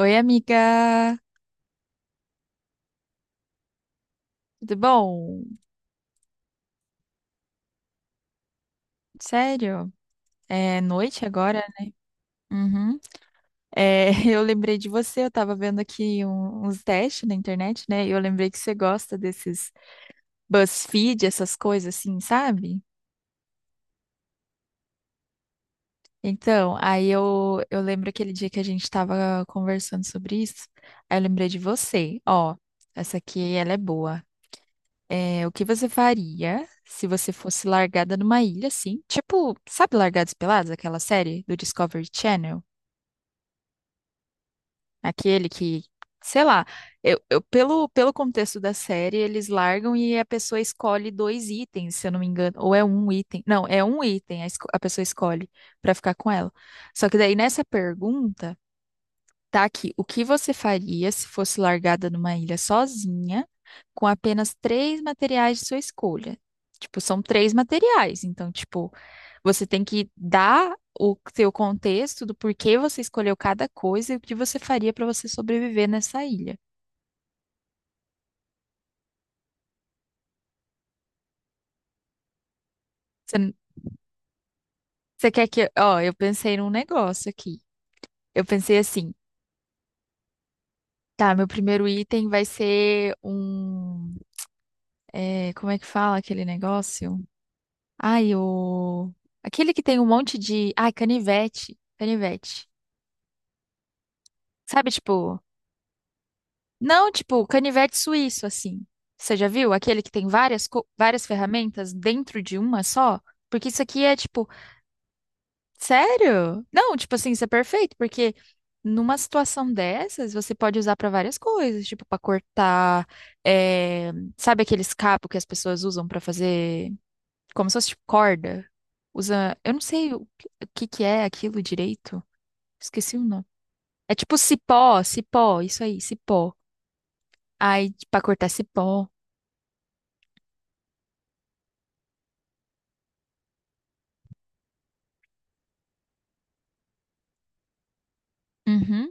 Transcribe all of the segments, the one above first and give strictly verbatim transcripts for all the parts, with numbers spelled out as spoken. Oi, amiga. Tudo bom? Sério? É noite agora? Uhum. É, eu lembrei de você, eu tava vendo aqui um- uns testes na internet, né? E eu lembrei que você gosta desses BuzzFeed, essas coisas assim, sabe? Então, aí eu, eu lembro aquele dia que a gente tava conversando sobre isso, aí eu lembrei de você. Ó, essa aqui, ela é boa. É, o que você faria se você fosse largada numa ilha, assim? Tipo, sabe Largados e Pelados, aquela série do Discovery Channel? Aquele que, sei lá, eu, eu- pelo, pelo contexto da série, eles largam e a pessoa escolhe dois itens, se eu não me engano. Ou é um item. Não, é um item a, esco- a pessoa escolhe pra ficar com ela. Só que daí nessa pergunta. Tá aqui. O que você faria se fosse largada numa ilha sozinha, com apenas três materiais de sua escolha? Tipo, são três materiais. Então, tipo, você tem que dar o seu contexto do porquê você escolheu cada coisa e o que você faria para você sobreviver nessa ilha. Você, n- você quer que. Ó, eu pensei num negócio aqui. Eu pensei assim. Tá, meu primeiro item vai ser um. É, como é que fala aquele negócio? Ai, o. Aquele que tem um monte de. Ai, canivete. Canivete. Sabe, tipo. Não, tipo, canivete suíço, assim. Você já viu? Aquele que tem várias, co- várias ferramentas dentro de uma só? Porque isso aqui é, tipo. Sério? Não, tipo assim, isso é perfeito, porque numa situação dessas, você pode usar pra várias coisas, tipo, pra cortar. É, Sabe aqueles cabos que as pessoas usam pra fazer. Como se fosse, tipo, corda? Usa. Eu não sei o que o que que é aquilo direito. Esqueci o nome. É tipo cipó, cipó, isso aí, cipó. Aí, pra cortar cipó. Uhum.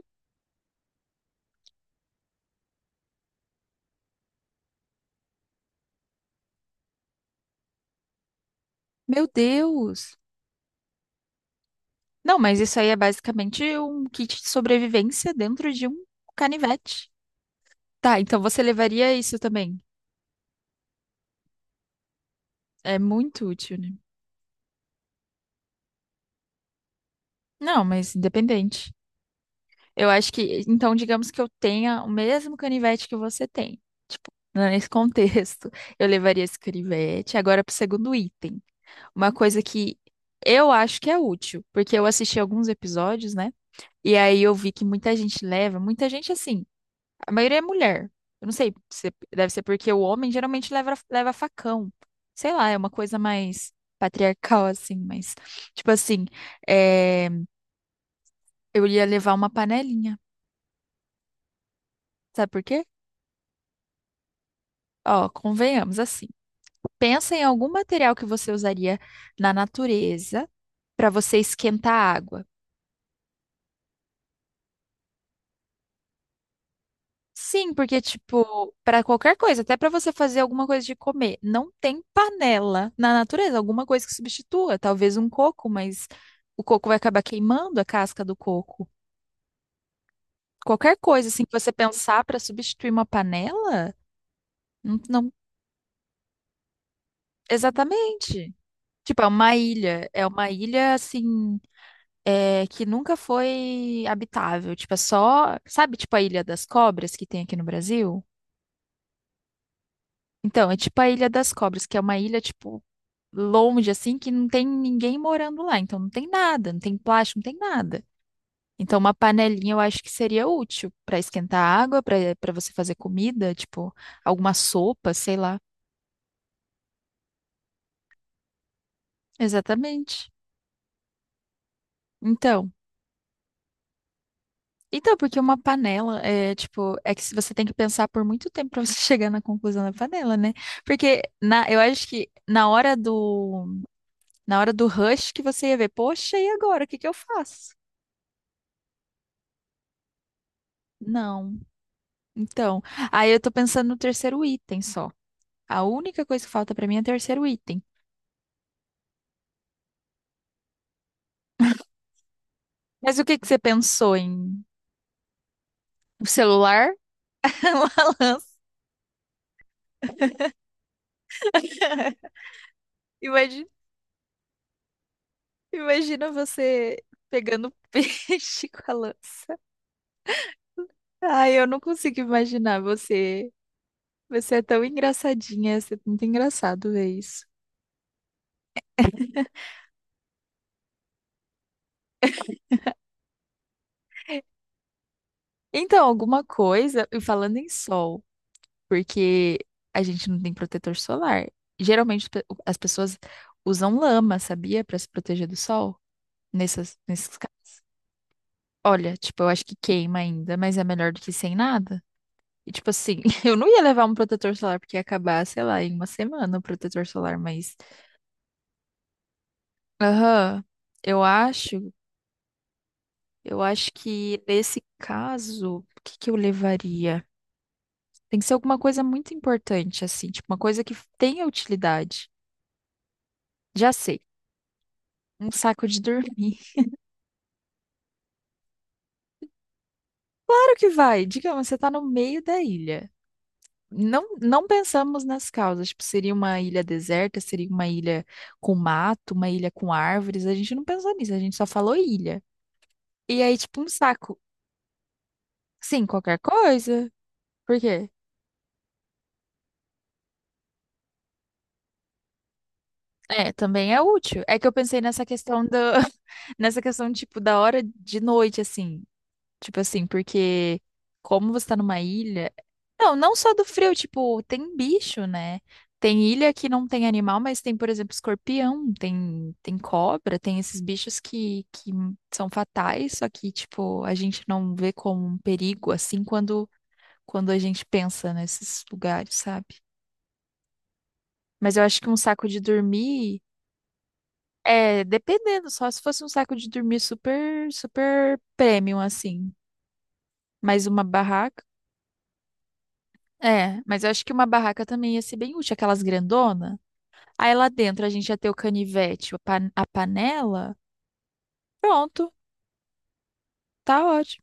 Meu Deus! Não, mas isso aí é basicamente um kit de sobrevivência dentro de um canivete. Tá, então você levaria isso também. É muito útil, né? Não, mas independente. Eu acho que, então, digamos que eu tenha o mesmo canivete que você tem. Tipo, nesse contexto, eu levaria esse canivete agora pro segundo item. Uma coisa que eu acho que é útil, porque eu assisti alguns episódios, né? E aí eu vi que muita gente leva, muita gente assim, a maioria é mulher. Eu não sei, se- deve ser porque o homem geralmente leva, leva facão. Sei lá, é uma coisa mais patriarcal, assim, mas, tipo assim, é, eu ia levar uma panelinha. Sabe por quê? Ó, convenhamos assim. Pensa em algum material que você usaria na natureza para você esquentar água. Sim, porque, tipo, para qualquer coisa, até para você fazer alguma coisa de comer, não tem panela na natureza, alguma coisa que substitua, talvez um coco, mas o coco vai acabar queimando a casca do coco. Qualquer coisa, assim, que você pensar para substituir uma panela, não, não- exatamente. Tipo, é uma ilha, é uma ilha, assim, é, que nunca foi habitável, tipo, é só, sabe, tipo a Ilha das Cobras que tem aqui no Brasil? Então, é tipo a Ilha das Cobras, que é uma ilha, tipo, longe, assim, que não tem ninguém morando lá. Então não tem nada, não tem plástico, não tem nada. Então uma panelinha eu acho que seria útil para esquentar água, para para você fazer comida, tipo alguma sopa, sei lá. Exatamente. Então, então porque uma panela é tipo, é que se você tem que pensar por muito tempo para você chegar na conclusão da panela, né? Porque na, eu acho que na hora do na hora do rush que você ia ver, poxa, e agora? O que que eu faço? Não. Então, aí eu tô pensando no terceiro item só. A única coisa que falta pra mim é o terceiro item. Mas o que que você pensou em o celular? Uma lança. Imagina, imagina você pegando peixe com a lança. Ai, eu não consigo imaginar você. Você é tão engraçadinha, você é muito engraçado ver isso. Então, alguma coisa, e falando em sol. Porque a gente não tem protetor solar. Geralmente pe- as pessoas usam lama, sabia? Para se proteger do sol. Nessas, nesses casos. Olha, tipo, eu acho que queima ainda, mas é melhor do que sem nada. E tipo assim, eu não ia levar um protetor solar porque ia acabar, sei lá, em uma semana o protetor solar, mas. Aham, eu acho, eu acho que nesse caso, o que que eu levaria? Tem que ser alguma coisa muito importante, assim, tipo, uma coisa que tenha utilidade. Já sei. Um saco de dormir. Claro que vai. Digamos, você está no meio da ilha. Não, não pensamos nas causas. Tipo, seria uma ilha deserta, seria uma ilha com mato, uma ilha com árvores. A gente não pensou nisso, a gente só falou ilha. E aí, tipo, um saco. Sim, qualquer coisa. Por quê? É, também é útil. É que eu pensei nessa questão do, nessa questão, tipo, da hora de noite, assim. Tipo assim, porque como você tá numa ilha. Não, não só do frio, tipo, tem bicho, né? Tem ilha que não tem animal, mas tem, por exemplo, escorpião, tem, tem cobra, tem esses bichos que, que são fatais, só que, tipo, a gente não vê como um perigo, assim, quando, quando a gente pensa nesses lugares, sabe? Mas eu acho que um saco de dormir. É, dependendo, só se fosse um saco de dormir super, super premium, assim. Mas uma barraca. É, mas eu acho que uma barraca também ia ser bem útil, aquelas grandona. Aí lá dentro a gente ia ter o canivete, a pan- a panela. Pronto, tá ótimo.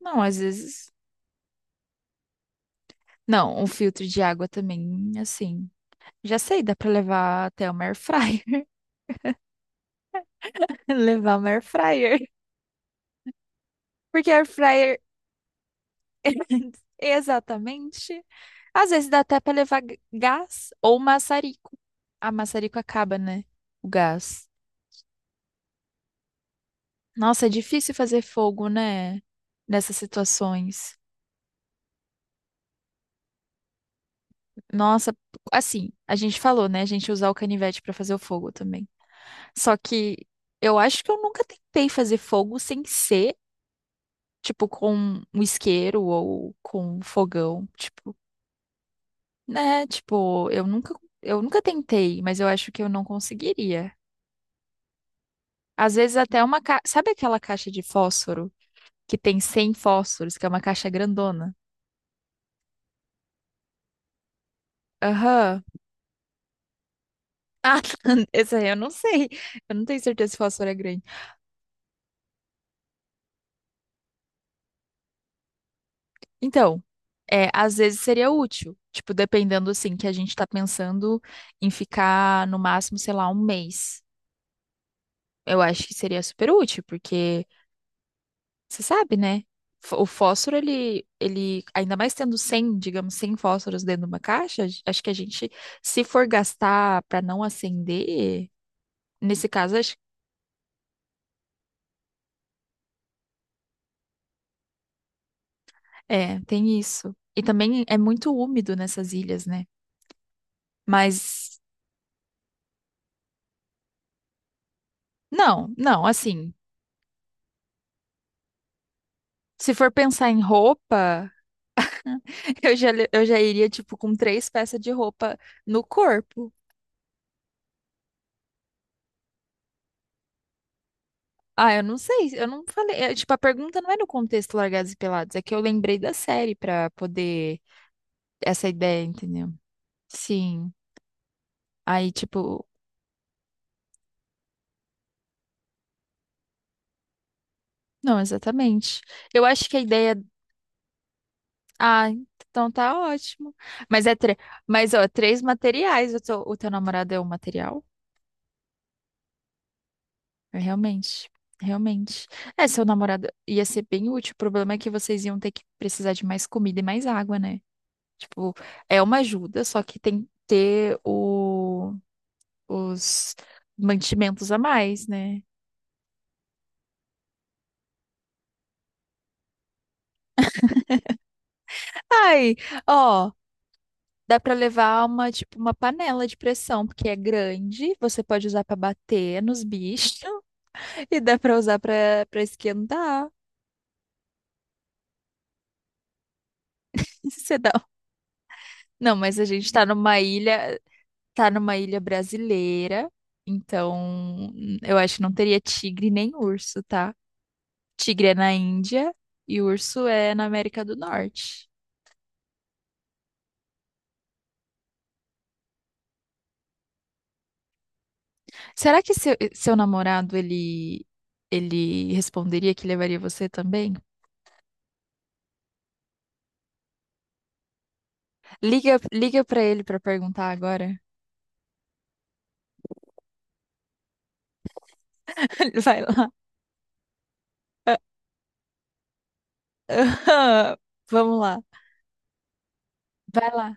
Não, às vezes. Não, um filtro de água também, assim. Já sei, dá pra levar até uma air fryer. Levar uma air fryer. Porque air fryer. Exatamente. Às vezes dá até pra levar g- gás ou maçarico. A maçarico acaba, né? O gás. Nossa, é difícil fazer fogo, né? Nessas situações. Nossa, assim, a gente falou, né? A gente usar o canivete pra fazer o fogo também. Só que eu acho que eu nunca tentei fazer fogo sem ser, tipo, com um isqueiro ou com um fogão, tipo, né? Tipo, eu nunca, eu nunca tentei, mas eu acho que eu não conseguiria. Às vezes até uma ca... Sabe aquela caixa de fósforo que tem cem fósforos, que é uma caixa grandona? Aham. Ah, essa aí eu não sei. Eu não tenho certeza se fósforo é grande. Então, é, às vezes seria útil, tipo, dependendo assim, que a gente tá pensando em ficar no máximo, sei lá, um mês. Eu acho que seria super útil, porque você sabe, né? Fó- O fósforo, ele, ele, ainda mais tendo cem digamos, cem fósforos dentro de uma caixa, a gen- acho que a gente, se for gastar pra não acender, nesse caso, acho, é, tem isso. E também é muito úmido nessas ilhas, né? Mas, não, não, assim, se for pensar em roupa. Eu já, le- eu já iria, tipo, com três peças de roupa no corpo. Ah, eu não sei, eu não falei. É, tipo, a pergunta não é no contexto Largados e Pelados, é que eu lembrei da série pra poder. Essa ideia, entendeu? Sim. Aí, tipo, não, exatamente. Eu acho que a ideia. Ah, então tá ótimo. Mas é tre... Mas, ó, três materiais. O teu, o teu namorado é um material? É, realmente. Realmente. É, seu namorado ia ser bem útil. O problema é que vocês iam ter que precisar de mais comida e mais água, né? Tipo, é uma ajuda, só que tem que ter o, os mantimentos a mais, né? Ai, ó, dá pra levar uma, tipo, uma panela de pressão, porque é grande, você pode usar pra bater nos bichos e dá pra usar pra para esquentar. Você dá... Não, mas a gente tá numa ilha, tá numa ilha brasileira, então hum, eu acho que não teria tigre nem urso, tá? Tigre é na Índia e urso é na América do Norte. Será que seu, seu namorado, ele, ele responderia que levaria você também? Liga, liga para ele para perguntar agora. Vai lá. Vamos lá. Vai lá.